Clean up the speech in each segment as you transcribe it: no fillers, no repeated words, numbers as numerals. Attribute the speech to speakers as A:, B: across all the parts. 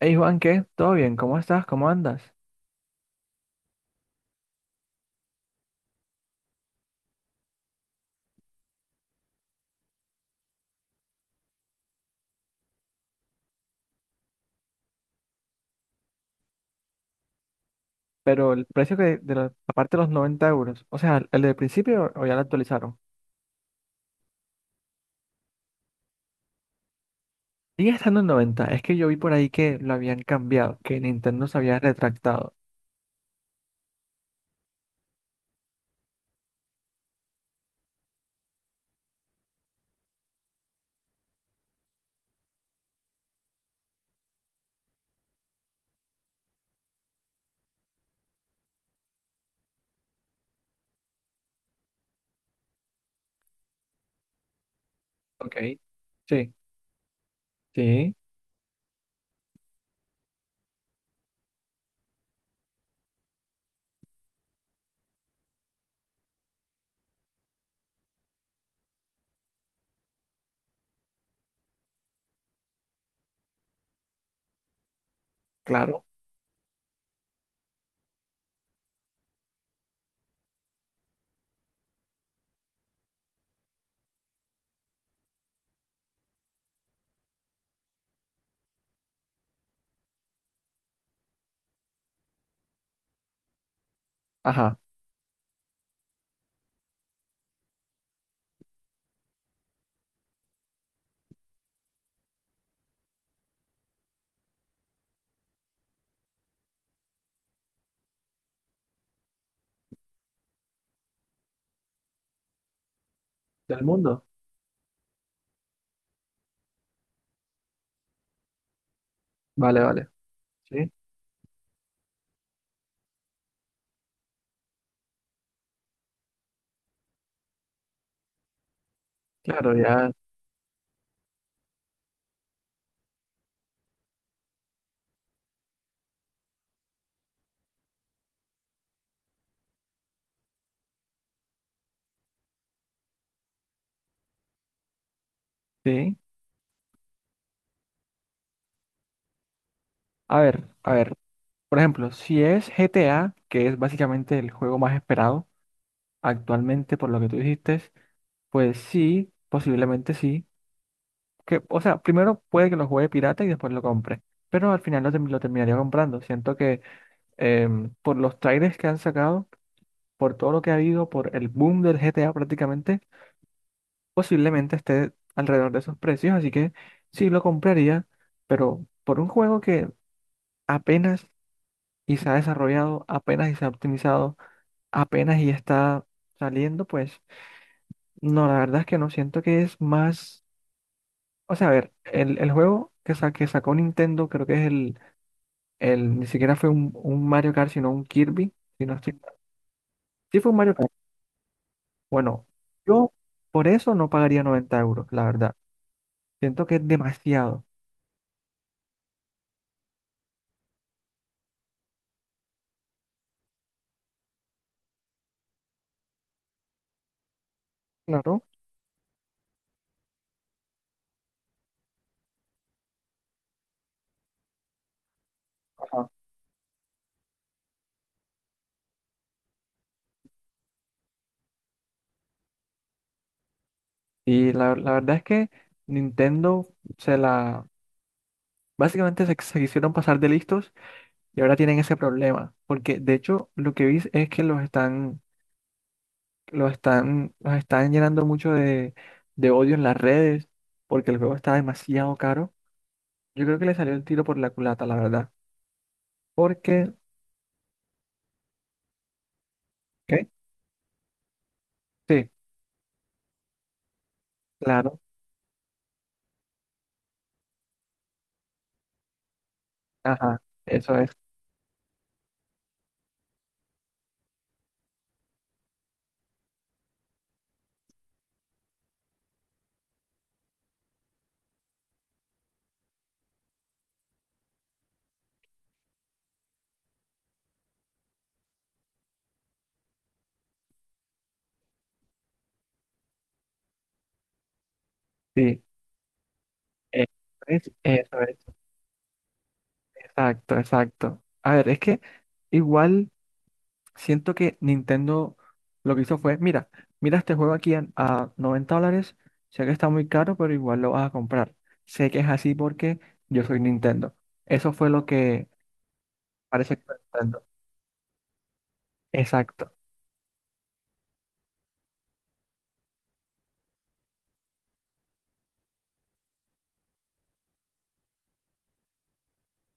A: Hey Juan, ¿qué? ¿Todo bien? ¿Cómo estás? ¿Cómo andas? Pero el precio, que de la parte de los 90 euros? O sea, ¿el del principio o ya lo actualizaron? Sigue estando en 90, es que yo vi por ahí que lo habían cambiado, que Nintendo se había retractado. Ok. Sí, sí, claro. Ajá. ¿Del mundo? Vale, vale. Sí, claro, ya. Sí. A ver, a ver. Por ejemplo, si es GTA, que es básicamente el juego más esperado actualmente por lo que tú dijiste, pues sí, posiblemente sí. Que, o sea, primero puede que lo juegue pirata y después lo compre, pero al final lo, lo terminaría comprando. Siento que, por los trailers que han sacado, por todo lo que ha habido, por el boom del GTA prácticamente, posiblemente esté alrededor de esos precios, así que sí lo compraría, pero por un juego que apenas y se ha desarrollado, apenas y se ha optimizado, apenas y está saliendo, pues no, la verdad es que no siento que es más... O sea, a ver, el juego que sacó Nintendo, creo que es el... El ni siquiera fue un Mario Kart, sino un Kirby. Si no estoy mal. Sí, fue un Mario Kart. Bueno, yo por eso no pagaría 90 euros, la verdad. Siento que es demasiado. Claro. Ajá. Y la verdad es que Nintendo se la... Básicamente se quisieron pasar de listos y ahora tienen ese problema. Porque de hecho lo que vi es que los están, los están llenando mucho de odio en las redes porque el juego está demasiado caro. Yo creo que le salió el tiro por la culata, la verdad. Porque... ¿Ok? Sí, claro, ajá, eso es, sí, eso eso es, exacto, exacto. A ver, es que igual siento que Nintendo lo que hizo fue: mira, mira este juego aquí a 90 dólares, sé que está muy caro, pero igual lo vas a comprar. Sé que es así porque yo soy Nintendo. Eso fue lo que parece que fue Nintendo. Exacto.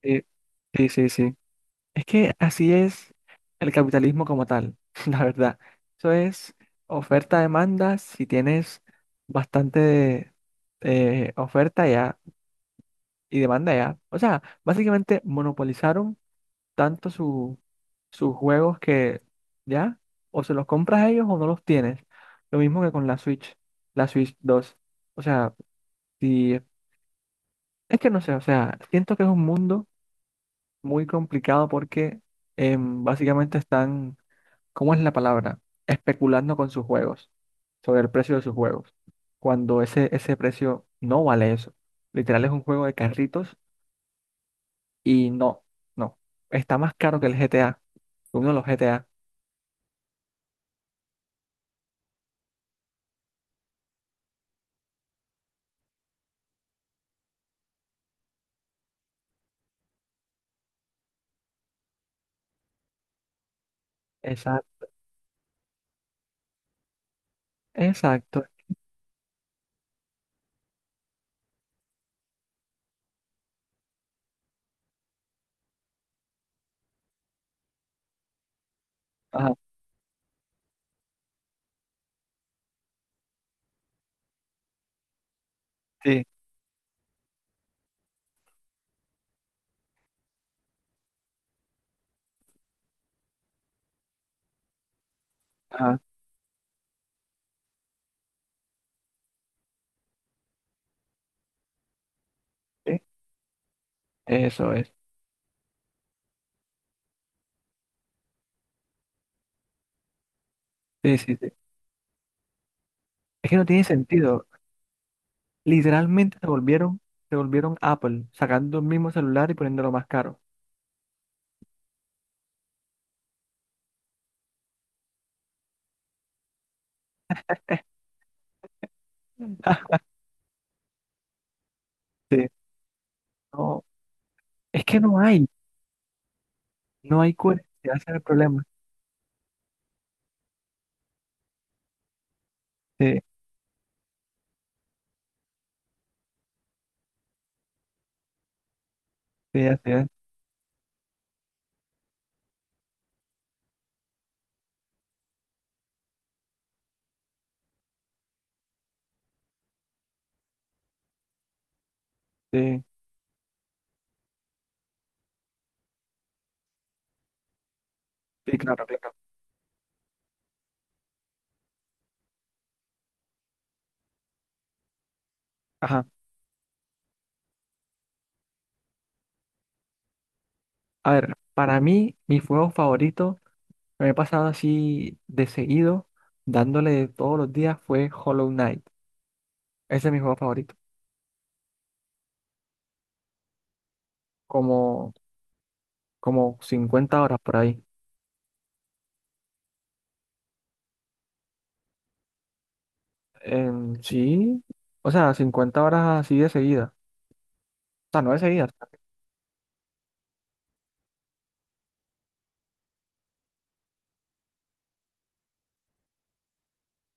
A: Sí, sí, sí, sí. Es que así es el capitalismo como tal, la verdad. Eso es oferta-demanda. Si tienes bastante, oferta ya y demanda ya. O sea, básicamente monopolizaron tanto sus juegos que ya, o se los compras a ellos o no los tienes. Lo mismo que con la Switch 2. O sea, si, es que no sé, o sea, siento que es un mundo muy complicado porque, básicamente están... ¿Cómo es la palabra? Especulando con sus juegos, sobre el precio de sus juegos, cuando ese precio no vale eso. Literal, es un juego de carritos y no, no. Está más caro que el GTA, que uno de los GTA. Exacto, exacto. Ajá, sí, ajá, sí, eso es. Sí, sí, sí. Es que no tiene sentido. Literalmente se volvieron Apple, sacando el mismo celular y poniéndolo más caro. Sí, no, es que no hay coherencia, ese es el problema. Sí, sí, así es. Sí, sí, claro, claro. Ajá. A ver, para mí, mi juego favorito, me he pasado así de seguido, dándole todos los días, fue Hollow Knight. Ese es mi juego favorito. Como, Como 50 horas por ahí. En sí, o sea, 50 horas así de seguida. O sea, no de seguida.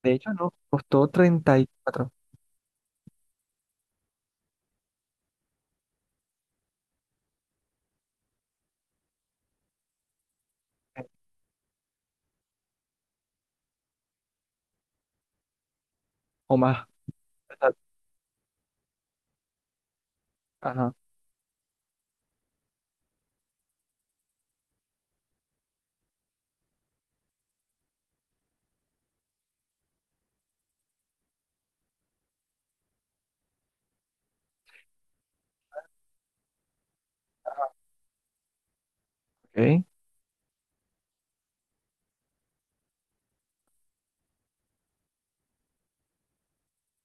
A: De hecho, no, costó 34 o más. Ajá. Ok.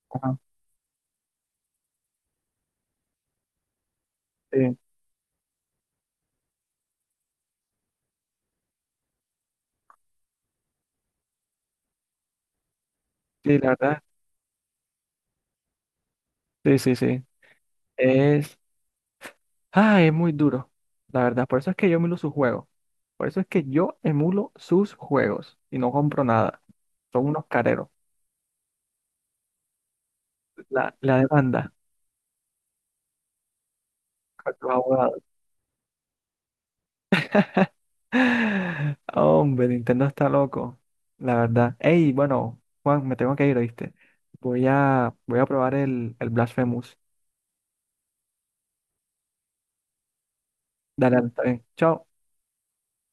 A: Ajá. Sí, sí, la verdad. Sí, sí, sí. Es, es muy duro. La verdad, por eso es que yo me lo juego. Por eso es que yo emulo sus juegos y no compro nada. Son unos careros. La demanda contra los abogados. Hombre, Nintendo está loco. La verdad. Ey, bueno, Juan, me tengo que ir, ¿oíste? Voy a probar el Blasphemous. Dale, dale, está bien. Chao.